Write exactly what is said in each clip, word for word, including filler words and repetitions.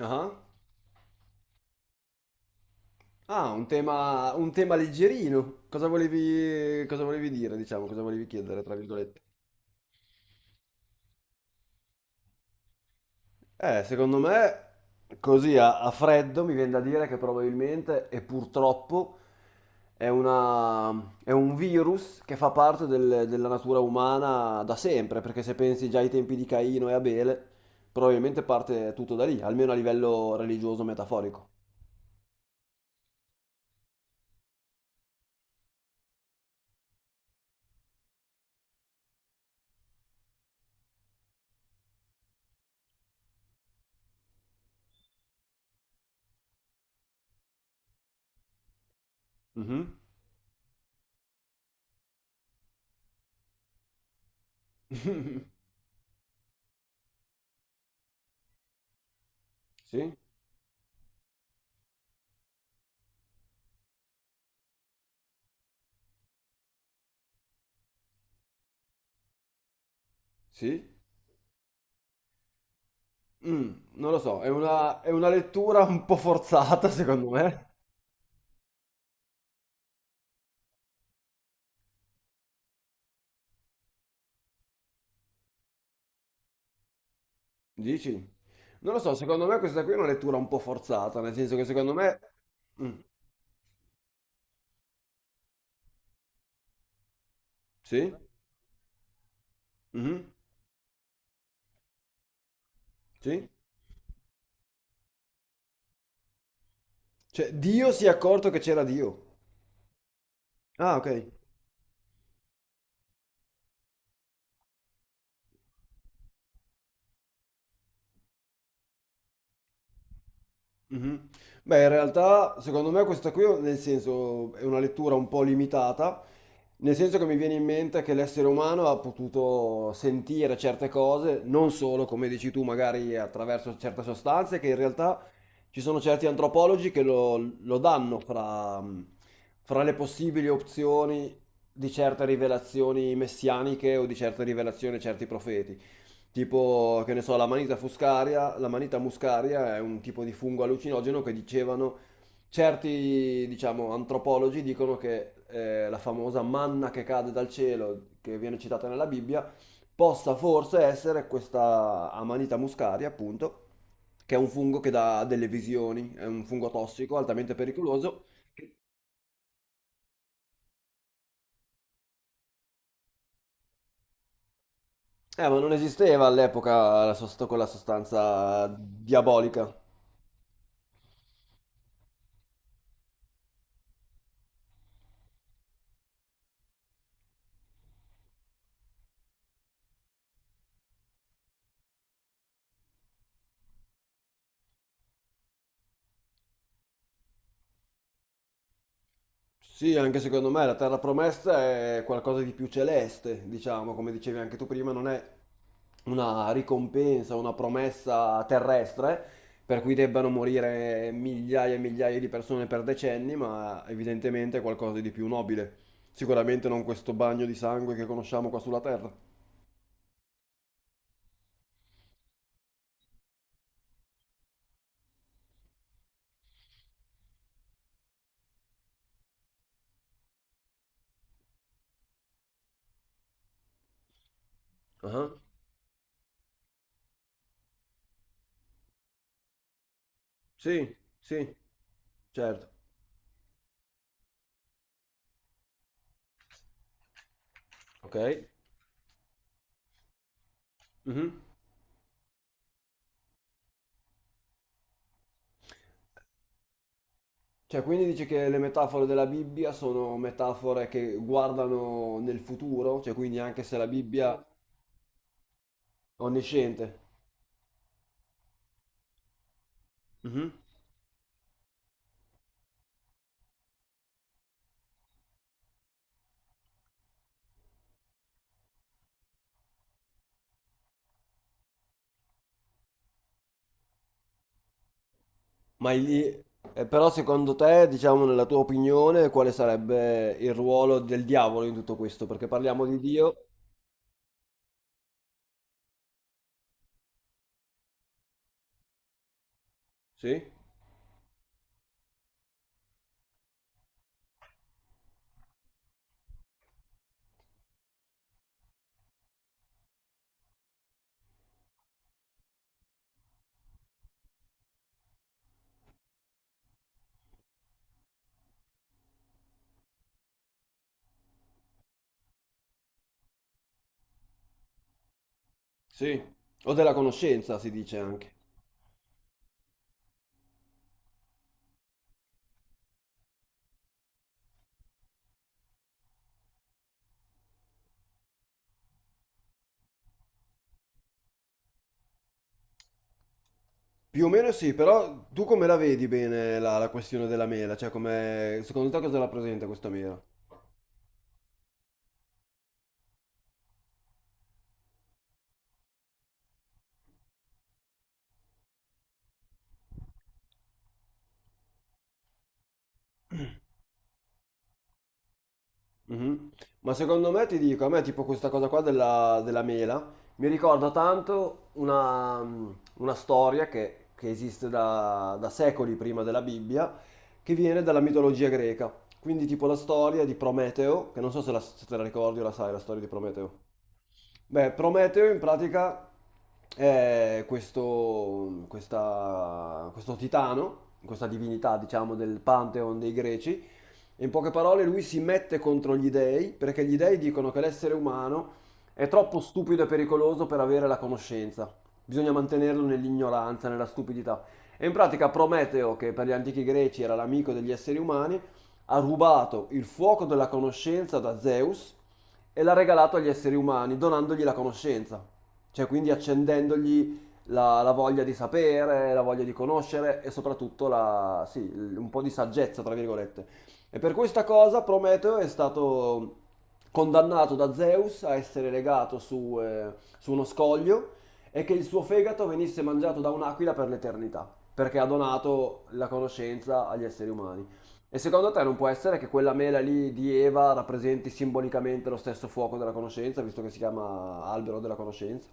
Ah, ah, un tema, un tema leggerino. Cosa volevi, cosa volevi dire, diciamo, cosa volevi chiedere, tra virgolette? Eh, secondo me, così a, a freddo mi viene da dire che probabilmente e purtroppo è una, è un virus che fa parte del- della natura umana da sempre, perché se pensi già ai tempi di Caino e Abele, probabilmente parte tutto da lì, almeno a livello religioso metaforico. Mhm. Sì, sì. Mm, non lo so, è una, è una lettura un po' forzata, secondo me. Dici? Non lo so, secondo me questa qui è una lettura un po' forzata, nel senso che secondo me... Mm, sì? Mhm, sì? Cioè, Dio si è accorto che c'era Dio. Ah, ok. Mhm. Beh, in realtà, secondo me questa qui, nel senso, è una lettura un po' limitata, nel senso che mi viene in mente che l'essere umano ha potuto sentire certe cose, non solo, come dici tu, magari attraverso certe sostanze, che in realtà ci sono certi antropologi che lo, lo danno fra, fra le possibili opzioni di certe rivelazioni messianiche o di certe rivelazioni a certi profeti. Tipo, che ne so, la manita fuscaria, la manita muscaria è un tipo di fungo allucinogeno che dicevano, certi, diciamo, antropologi dicono che eh, la famosa manna che cade dal cielo, che viene citata nella Bibbia, possa forse essere questa amanita muscaria, appunto, che è un fungo che dà delle visioni, è un fungo tossico, altamente pericoloso. Eh, ma non esisteva all'epoca la sost- quella sostanza diabolica. Sì, anche secondo me la terra promessa è qualcosa di più celeste, diciamo, come dicevi anche tu prima, non è una ricompensa, una promessa terrestre, per cui debbano morire migliaia e migliaia di persone per decenni, ma evidentemente è qualcosa di più nobile. Sicuramente non questo bagno di sangue che conosciamo qua sulla terra. Ah, sì, sì, certo. Ok. Mhm. Cioè, quindi dici che le metafore della Bibbia sono metafore che guardano nel futuro, cioè quindi anche se la Bibbia sì, è onnisciente. Mhm. Ma lì, eh, però secondo te, diciamo nella tua opinione, quale sarebbe il ruolo del diavolo in tutto questo? Perché parliamo di Dio, sì? Sì. O della conoscenza, si dice anche. Più o meno sì, però tu come la vedi bene la, la questione della mela? Cioè, come, secondo te cosa rappresenta questa mela? Mhm. Ma secondo me ti dico, a me tipo questa cosa qua della, della mela mi ricorda tanto una, mm, una storia che, che esiste da, da secoli prima della Bibbia, che viene dalla mitologia greca. Quindi tipo la storia di Prometeo, che non so se, la- se te la ricordi o la sai, la storia di Prometeo. Beh, Prometeo in pratica è questo, questa- questo titano, questa divinità diciamo del Pantheon dei greci, in poche parole, lui si mette contro gli dei perché gli dei dicono che l'essere umano è troppo stupido e pericoloso per avere la conoscenza. Bisogna mantenerlo nell'ignoranza, nella stupidità. E in pratica Prometeo, che per gli antichi greci era l'amico degli esseri umani, ha rubato il fuoco della conoscenza da Zeus e l'ha regalato agli esseri umani, donandogli la conoscenza, cioè quindi accendendogli la, la voglia di sapere, la voglia di conoscere e soprattutto la- sì, un po' di saggezza, tra virgolette. E per questa cosa Prometeo è stato condannato da Zeus a essere legato su, eh, su uno scoglio e che il suo fegato venisse mangiato da un'aquila per l'eternità, perché ha donato la conoscenza agli esseri umani. E secondo te non può essere che quella mela lì di Eva rappresenti simbolicamente lo stesso fuoco della conoscenza, visto che si chiama albero della conoscenza?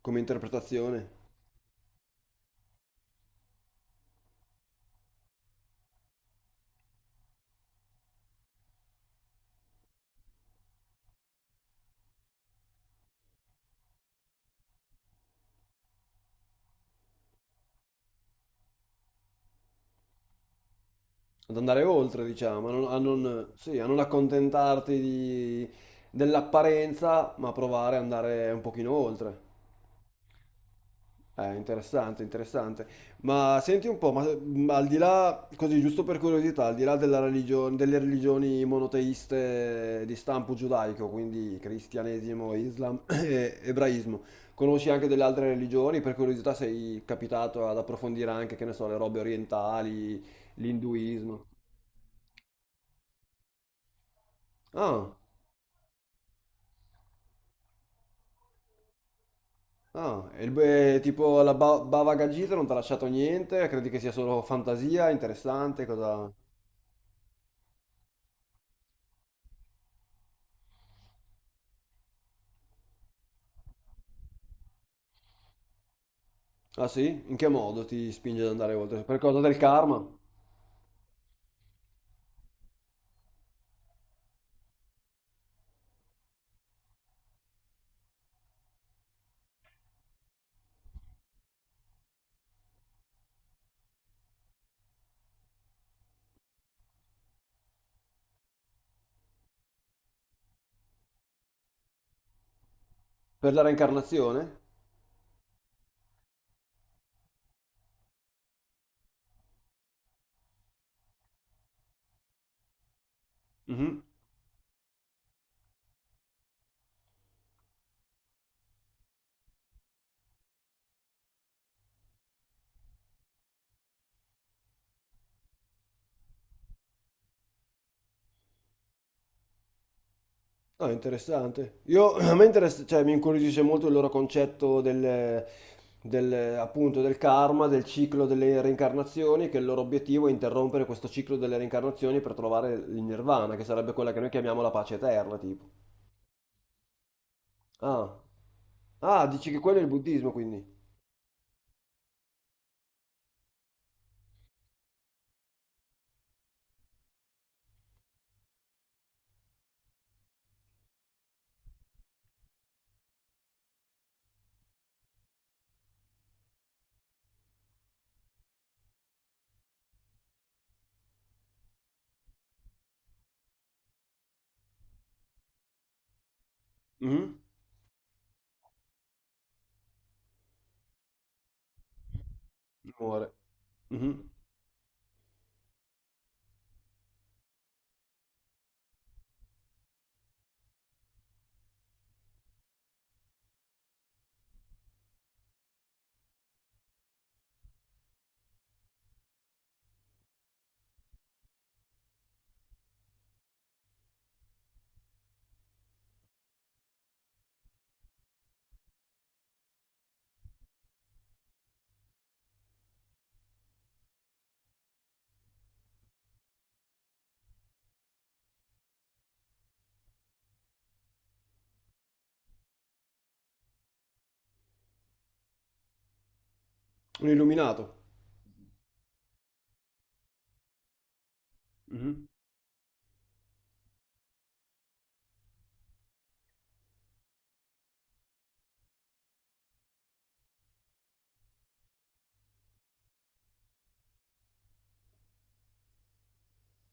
Come interpretazione? Ad andare oltre, diciamo, a non, a non- sì, a non accontentarti di- dell'apparenza, ma provare ad andare un pochino oltre. È interessante, interessante. Ma senti un po', ma, ma al di là, così giusto per curiosità, al di là della religione, delle religioni monoteiste di stampo giudaico, quindi cristianesimo, islam e ebraismo, conosci anche delle altre religioni? Per curiosità sei capitato ad approfondire anche, che ne so, le robe orientali, l'induismo? Ah. Ah, e il be- tipo la ba- Bava Gagita non ti ha lasciato niente? Credi che sia solo fantasia, interessante? Cosa... Ah sì? In che modo ti spinge ad andare oltre? Per cosa del karma? Per la reincarnazione? Mhm. Ah, interessante. Io, a me interessa, cioè, mi incuriosisce molto il loro concetto del, del, appunto, del karma, del ciclo delle reincarnazioni, che il loro obiettivo è interrompere questo ciclo delle reincarnazioni per trovare il nirvana, che sarebbe quella che noi chiamiamo la pace eterna, tipo. Ah. Ah, dici che quello è il buddismo, quindi. Mhm. Amore. Mhm. Un illuminato. Mhm.